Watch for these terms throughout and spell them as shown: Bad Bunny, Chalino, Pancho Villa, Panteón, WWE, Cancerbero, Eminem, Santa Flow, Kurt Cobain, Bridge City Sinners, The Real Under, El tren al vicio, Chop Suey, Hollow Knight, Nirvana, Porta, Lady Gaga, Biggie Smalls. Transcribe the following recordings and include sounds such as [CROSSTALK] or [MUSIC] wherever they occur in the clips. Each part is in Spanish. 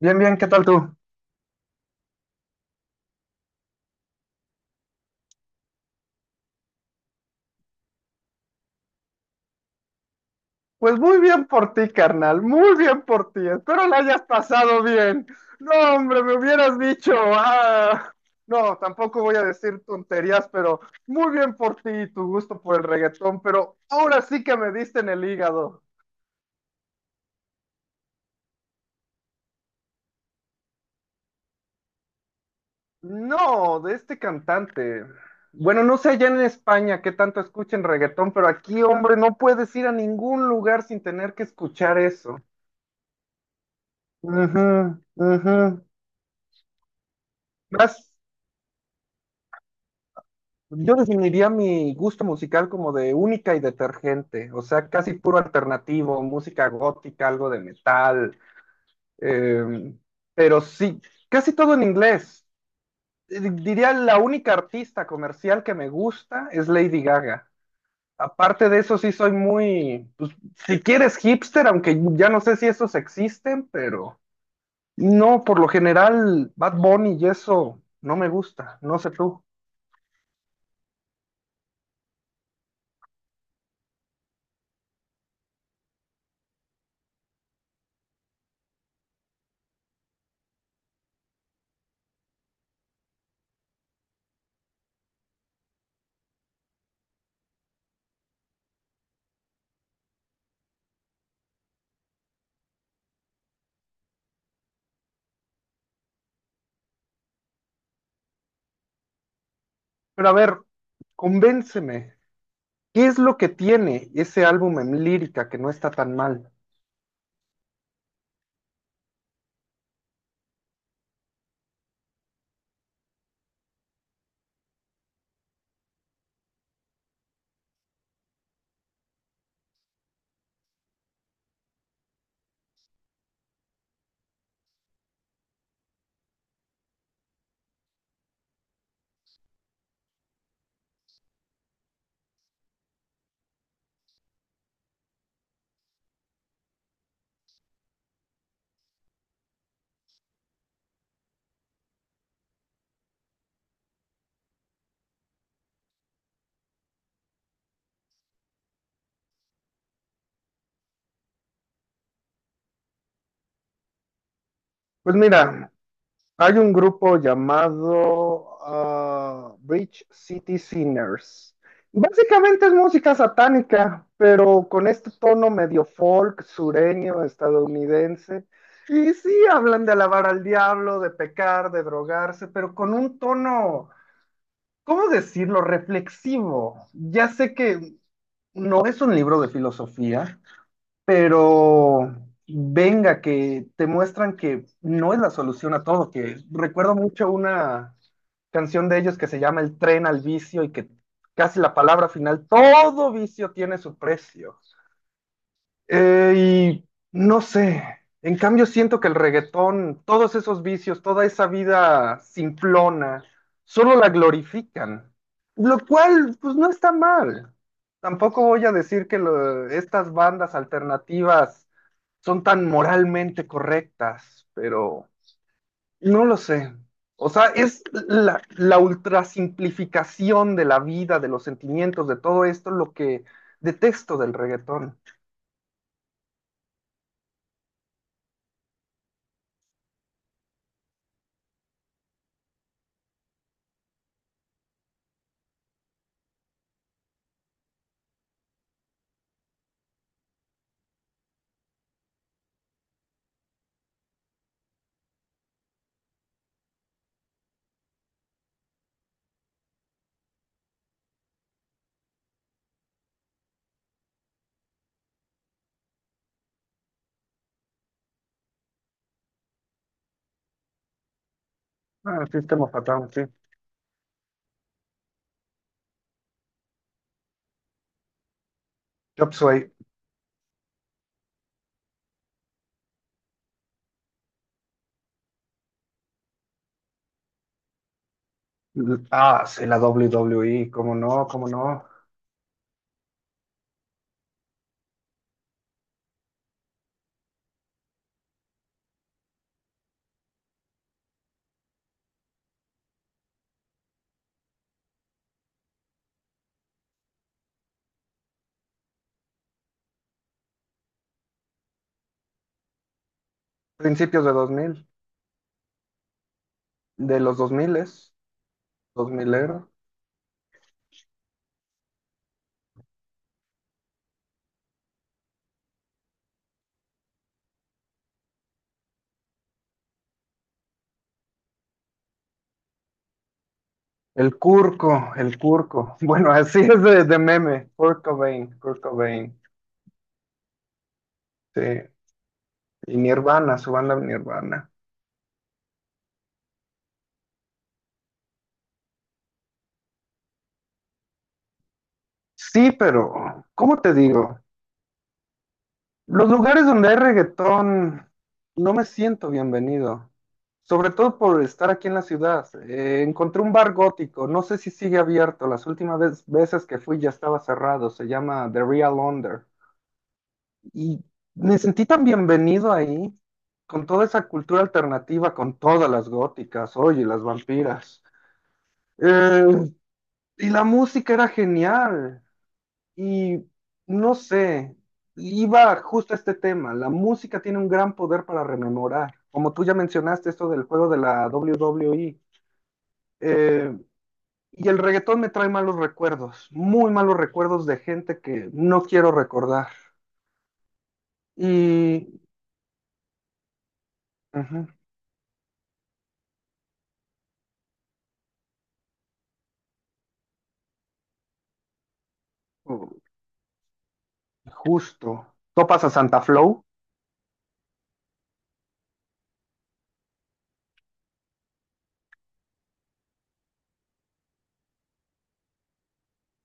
Bien, bien, ¿qué tal tú? Pues muy bien por ti, carnal, muy bien por ti. Espero la hayas pasado bien. No, hombre, me hubieras dicho, no, tampoco voy a decir tonterías, pero muy bien por ti y tu gusto por el reggaetón, pero ahora sí que me diste en el hígado. No, de este cantante. Bueno, no sé allá en España qué tanto escuchen reggaetón, pero aquí, hombre, no puedes ir a ningún lugar sin tener que escuchar eso. Ujú, ujú. Más. Yo definiría mi gusto musical como de única y detergente, o sea, casi puro alternativo, música gótica, algo de metal, eh, pero sí, casi todo en inglés. Diría la única artista comercial que me gusta es Lady Gaga. Aparte de eso, sí soy muy, pues, si quieres hipster, aunque ya no sé si esos existen, pero no, por lo general, Bad Bunny y eso no me gusta, no sé tú. Pero a ver, convénceme. ¿Qué es lo que tiene ese álbum en lírica que no está tan mal? Pues mira, hay un grupo llamado Bridge City Sinners. Básicamente es música satánica, pero con este tono medio folk, sureño, estadounidense. Y sí, hablan de alabar al diablo, de pecar, de drogarse, pero con un tono, ¿cómo decirlo?, reflexivo. Ya sé que no es un libro de filosofía, pero venga, que te muestran que no es la solución a todo, que recuerdo mucho una canción de ellos que se llama El tren al vicio y que casi la palabra final, todo vicio tiene su precio. Eh, y no sé, en cambio siento que el reggaetón, todos esos vicios, toda esa vida simplona, solo la glorifican, lo cual pues no está mal. Tampoco voy a decir que estas bandas alternativas son tan moralmente correctas, pero no lo sé. O sea, es la ultrasimplificación de la vida, de los sentimientos, de todo esto, lo que detesto del reggaetón. Ah, sistema fatal, sí. Chop Suey. Ah, sí, la WWE, cómo no, cómo no. Principios de 2000, de los dos es, dos milero. El Curco, el Curco. [LAUGHS] Bueno, así es de meme. Kurt Cobain, Kurt Cobain. Sí. Y Nirvana, su banda Nirvana. Sí, pero, ¿cómo te digo? Los lugares donde hay reggaetón no me siento bienvenido, sobre todo por estar aquí en la ciudad. Encontré un bar gótico, no sé si sigue abierto, las veces que fui ya estaba cerrado, se llama The Real Under. Y me sentí tan bienvenido ahí, con toda esa cultura alternativa, con todas las góticas, oye, las vampiras. Eh, y la música era genial. Y no sé, iba justo a este tema. La música tiene un gran poder para rememorar. Como tú ya mencionaste, esto del juego de la WWE. eh, y el reggaetón me trae malos recuerdos, muy malos recuerdos de gente que no quiero recordar. Y ujú, oh, justo. ¿Topas a Santa Flow?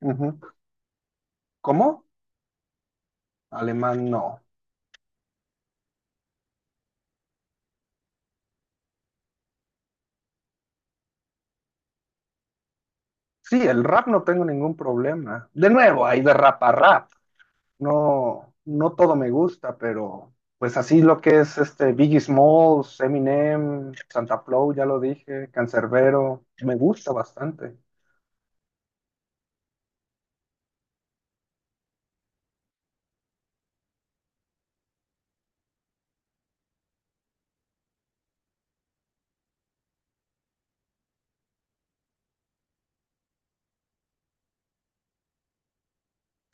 Ujú. ¿Cómo? Alemán no. Sí, el rap no tengo ningún problema. De nuevo, hay de rap a rap. No, no todo me gusta, pero pues así lo que es este Biggie Smalls, Eminem, Santa Flow, ya lo dije, Cancerbero, me gusta bastante.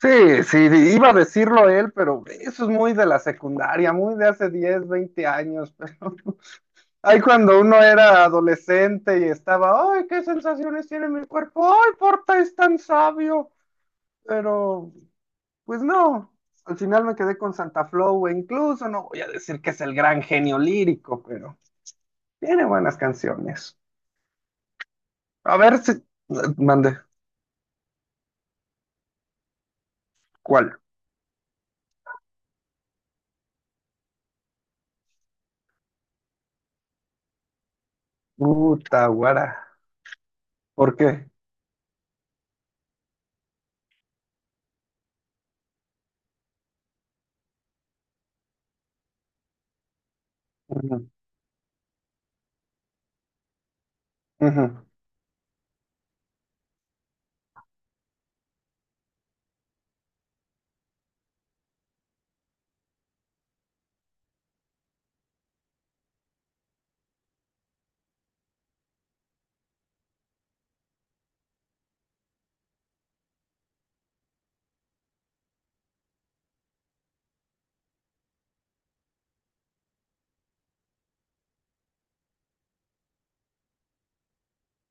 Sí, sí, iba a decirlo él, pero eso es muy de la secundaria, muy de hace 10 20 años, pero [LAUGHS] ahí cuando uno era adolescente y estaba, ay, qué sensaciones tiene mi cuerpo, ay, Porta es tan sabio, pero Pues no, al final me quedé con Santa Flow, e incluso no voy a decir que es el gran genio lírico, pero tiene buenas canciones. A ver si mande cuál. Puta guara. ¿Por qué? Ujú, ujú.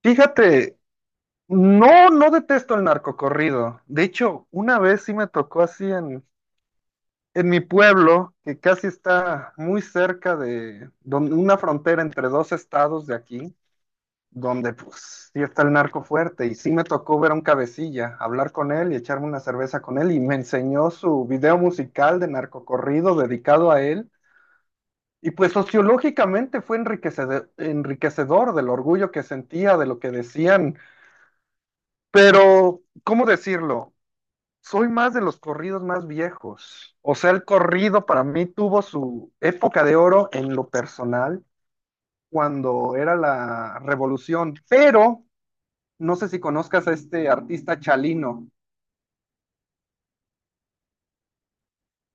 Fíjate, no, no detesto el narcocorrido. De hecho, una vez sí me tocó así en mi pueblo, que casi está muy cerca de una frontera entre dos estados de aquí. Donde pues sí está el narco fuerte y sí me tocó ver a un cabecilla, hablar con él y echarme una cerveza con él y me enseñó su video musical de narcocorrido dedicado a él y pues sociológicamente fue enriquecedor, enriquecedor del orgullo que sentía, de lo que decían, pero ¿cómo decirlo? Soy más de los corridos más viejos. O sea, el corrido para mí tuvo su época de oro en lo personal cuando era la revolución, pero no sé si conozcas a este artista Chalino.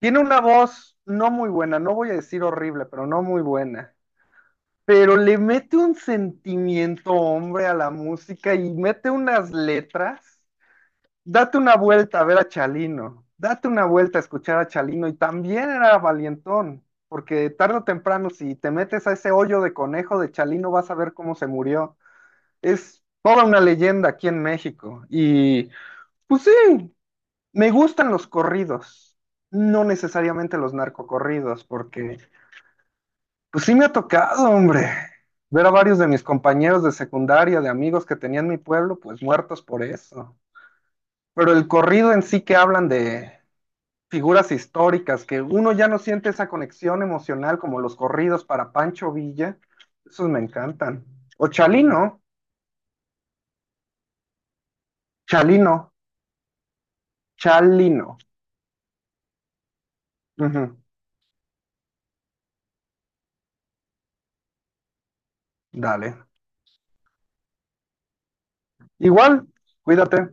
Tiene una voz no muy buena, no voy a decir horrible, pero no muy buena. Pero le mete un sentimiento, hombre, a la música y mete unas letras. Date una vuelta a ver a Chalino. Date una vuelta a escuchar a Chalino. Y también era valientón, porque tarde o temprano, si te metes a ese hoyo de conejo de Chalino, vas a ver cómo se murió. Es toda una leyenda aquí en México. Y pues sí, me gustan los corridos, no necesariamente los narcocorridos, porque pues sí me ha tocado, hombre, ver a varios de mis compañeros de secundaria, de amigos que tenía en mi pueblo, pues muertos por eso. Pero el corrido en sí que hablan de figuras históricas, que uno ya no siente esa conexión emocional como los corridos para Pancho Villa, esos me encantan. O Chalino, Chalino, Chalino. Ujú, dale. Igual, cuídate.